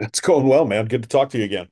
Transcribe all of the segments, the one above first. It's going well, man. Good to talk to you again.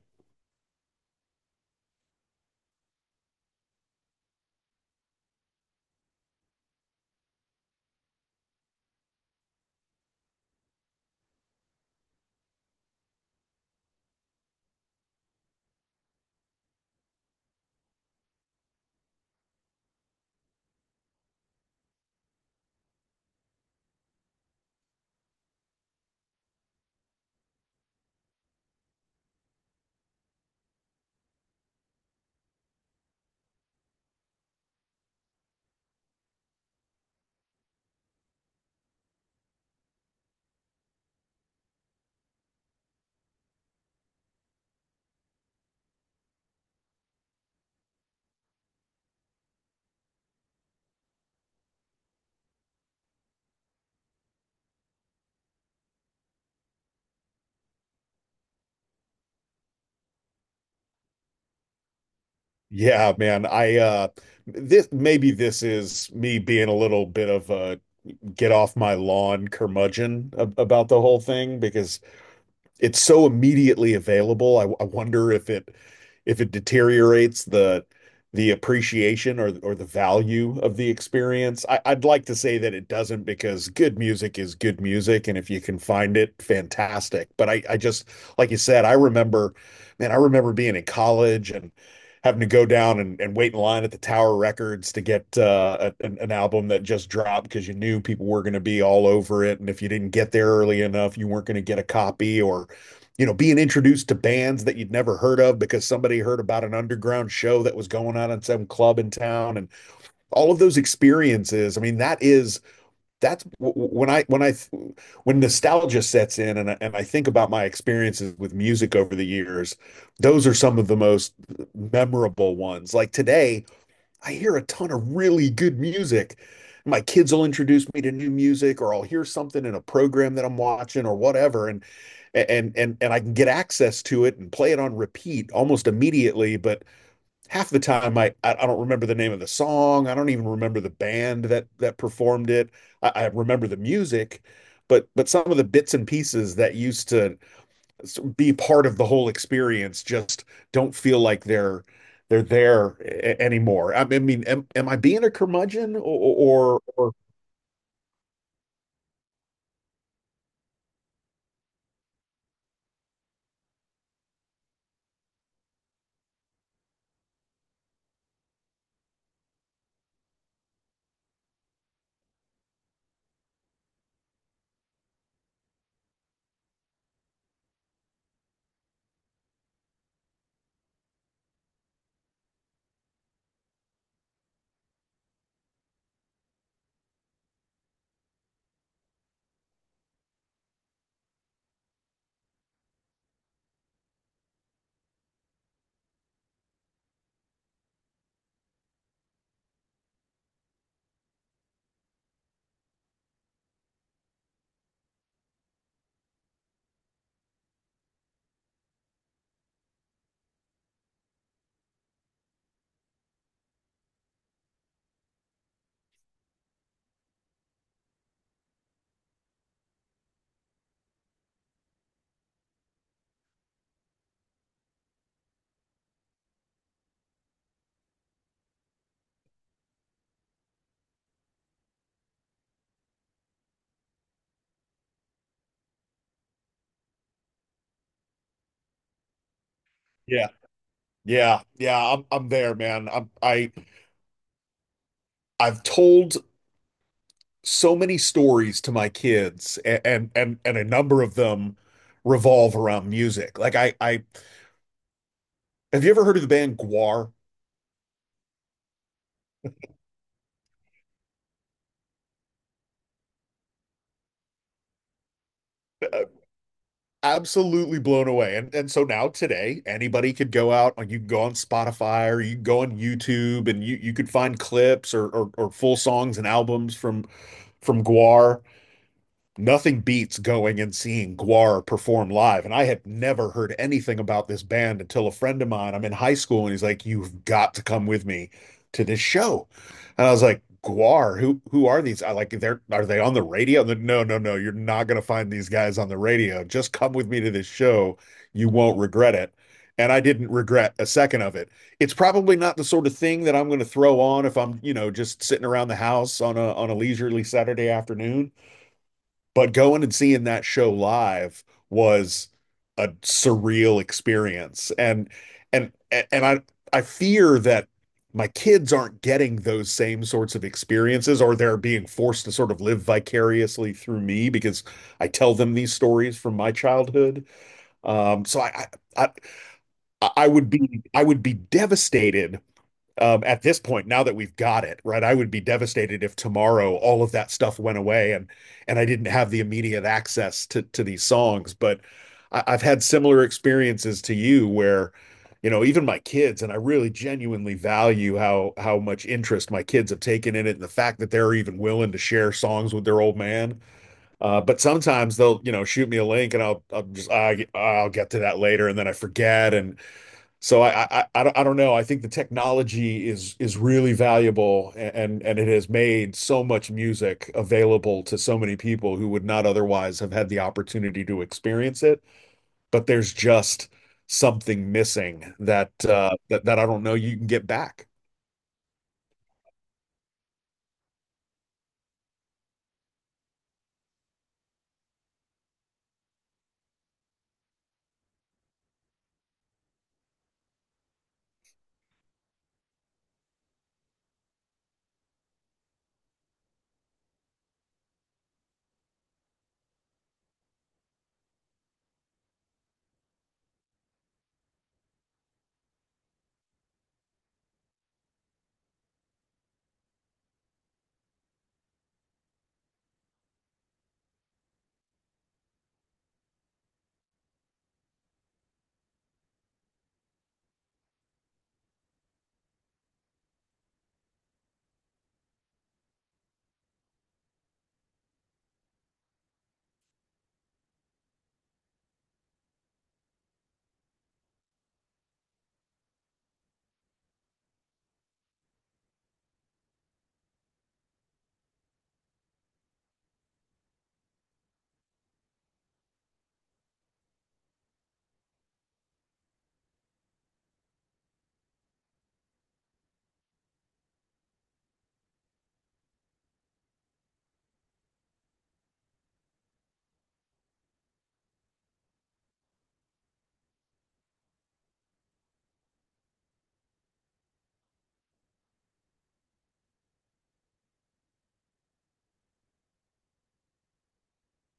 Yeah, man. I this maybe this is me being a little bit of a get off my lawn curmudgeon about the whole thing because it's so immediately available. I wonder if it deteriorates the appreciation or the value of the experience. I'd like to say that it doesn't because good music is good music, and if you can find it, fantastic. But I just like you said, I remember, man, I remember being in college and having to go down and wait in line at the Tower Records to get an album that just dropped because you knew people were going to be all over it, and if you didn't get there early enough, you weren't going to get a copy or you know, being introduced to bands that you'd never heard of because somebody heard about an underground show that was going on at some club in town and all of those experiences. I mean, that's when I when I when nostalgia sets in and I think about my experiences with music over the years, those are some of the most memorable ones. Like today, I hear a ton of really good music. My kids will introduce me to new music, or I'll hear something in a program that I'm watching or whatever, and I can get access to it and play it on repeat almost immediately. But half the time, I don't remember the name of the song. I don't even remember the band that performed it. I remember the music, but some of the bits and pieces that used to be part of the whole experience, just don't feel like they're there anymore. I mean, am I being a curmudgeon or Yeah, yeah, yeah, I'm there, man. I I've told so many stories to my kids and a number of them revolve around music. Like I have you ever heard of the band Gwar? Absolutely blown away. And so now today, anybody could go out, like you can go on Spotify or you can go on YouTube and you could find clips or or full songs and albums from Guar. Nothing beats going and seeing Guar perform live. And I had never heard anything about this band until a friend of mine, I'm in high school, and he's like, "You've got to come with me to this show." And I was like, "Guar, who are these?" I like they're are they on the radio? And no, no, no, you're not gonna find these guys on the radio. Just come with me to this show. You won't regret it. And I didn't regret a second of it. It's probably not the sort of thing that I'm gonna throw on if I'm, you know, just sitting around the house on a leisurely Saturday afternoon, but going and seeing that show live was a surreal experience. And I fear that my kids aren't getting those same sorts of experiences, or they're being forced to sort of live vicariously through me because I tell them these stories from my childhood. Um, so I, I I I would be I would be devastated at this point, now that we've got it, right? I would be devastated if tomorrow all of that stuff went away and I didn't have the immediate access to these songs. But I've had similar experiences to you where, you know, even my kids, and I really genuinely value how much interest my kids have taken in it and the fact that they're even willing to share songs with their old man. But sometimes they'll, you know, shoot me a link and I'll get to that later and then I forget. And so I don't I don't know. I think the technology is really valuable and it has made so much music available to so many people who would not otherwise have had the opportunity to experience it. But there's just something missing that that I don't know you can get back.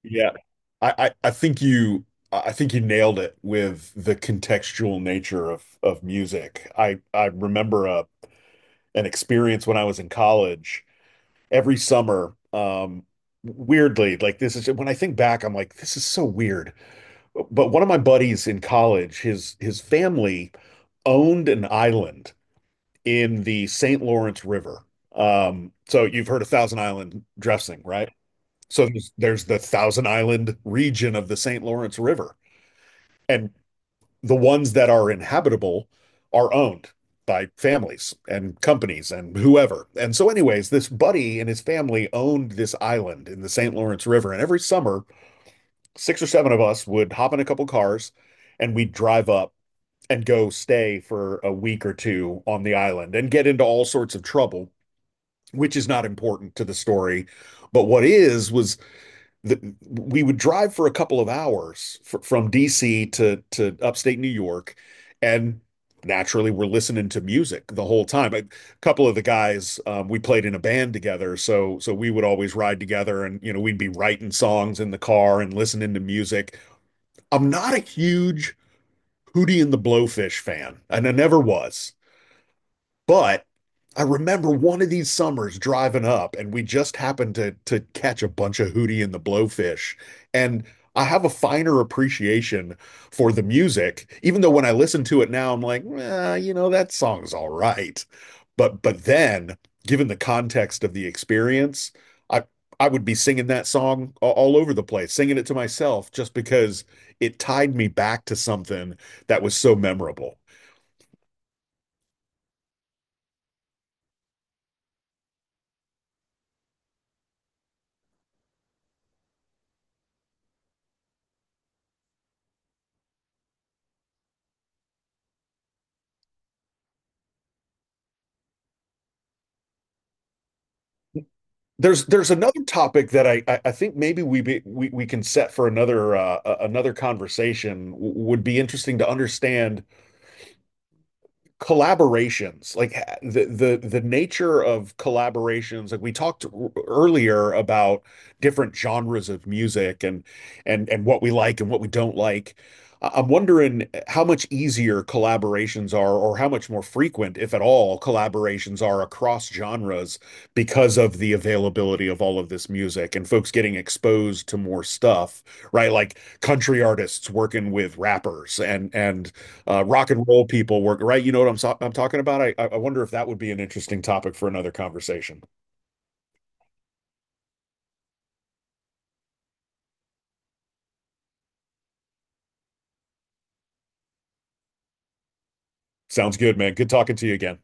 Yeah. I think you I think you nailed it with the contextual nature of music. I remember a an experience when I was in college every summer. Weirdly, like this is when I think back, I'm like, this is so weird. But one of my buddies in college, his family owned an island in the St. Lawrence River. So you've heard of Thousand Island dressing, right? So there's the Thousand Island region of the St. Lawrence River. And the ones that are inhabitable are owned by families and companies and whoever. And so, anyways, this buddy and his family owned this island in the St. Lawrence River. And every summer, six or seven of us would hop in a couple cars and we'd drive up and go stay for a week or two on the island and get into all sorts of trouble, which is not important to the story. But what is, was the, we would drive for a couple of hours from D.C. To upstate New York, and naturally, we're listening to music the whole time. A couple of the guys, we played in a band together, so so we would always ride together, and you know, we'd be writing songs in the car and listening to music. I'm not a huge Hootie and the Blowfish fan, and I never was. But I remember one of these summers driving up, and we just happened to catch a bunch of Hootie and the Blowfish. And I have a finer appreciation for the music, even though when I listen to it now, I'm like, well, you know, that song's all right. But then, given the context of the experience, I I would be singing that song all over the place, singing it to myself, just because it tied me back to something that was so memorable. There's another topic that I think maybe we can set for another another conversation. Would be interesting to understand collaborations like the nature of collaborations like we talked earlier about different genres of music and what we like and what we don't like. I'm wondering how much easier collaborations are or how much more frequent if at all collaborations are across genres because of the availability of all of this music and folks getting exposed to more stuff, right? Like country artists working with rappers and rock and roll people work, right? You know what I'm I'm talking about? I wonder if that would be an interesting topic for another conversation. Sounds good, man. Good talking to you again.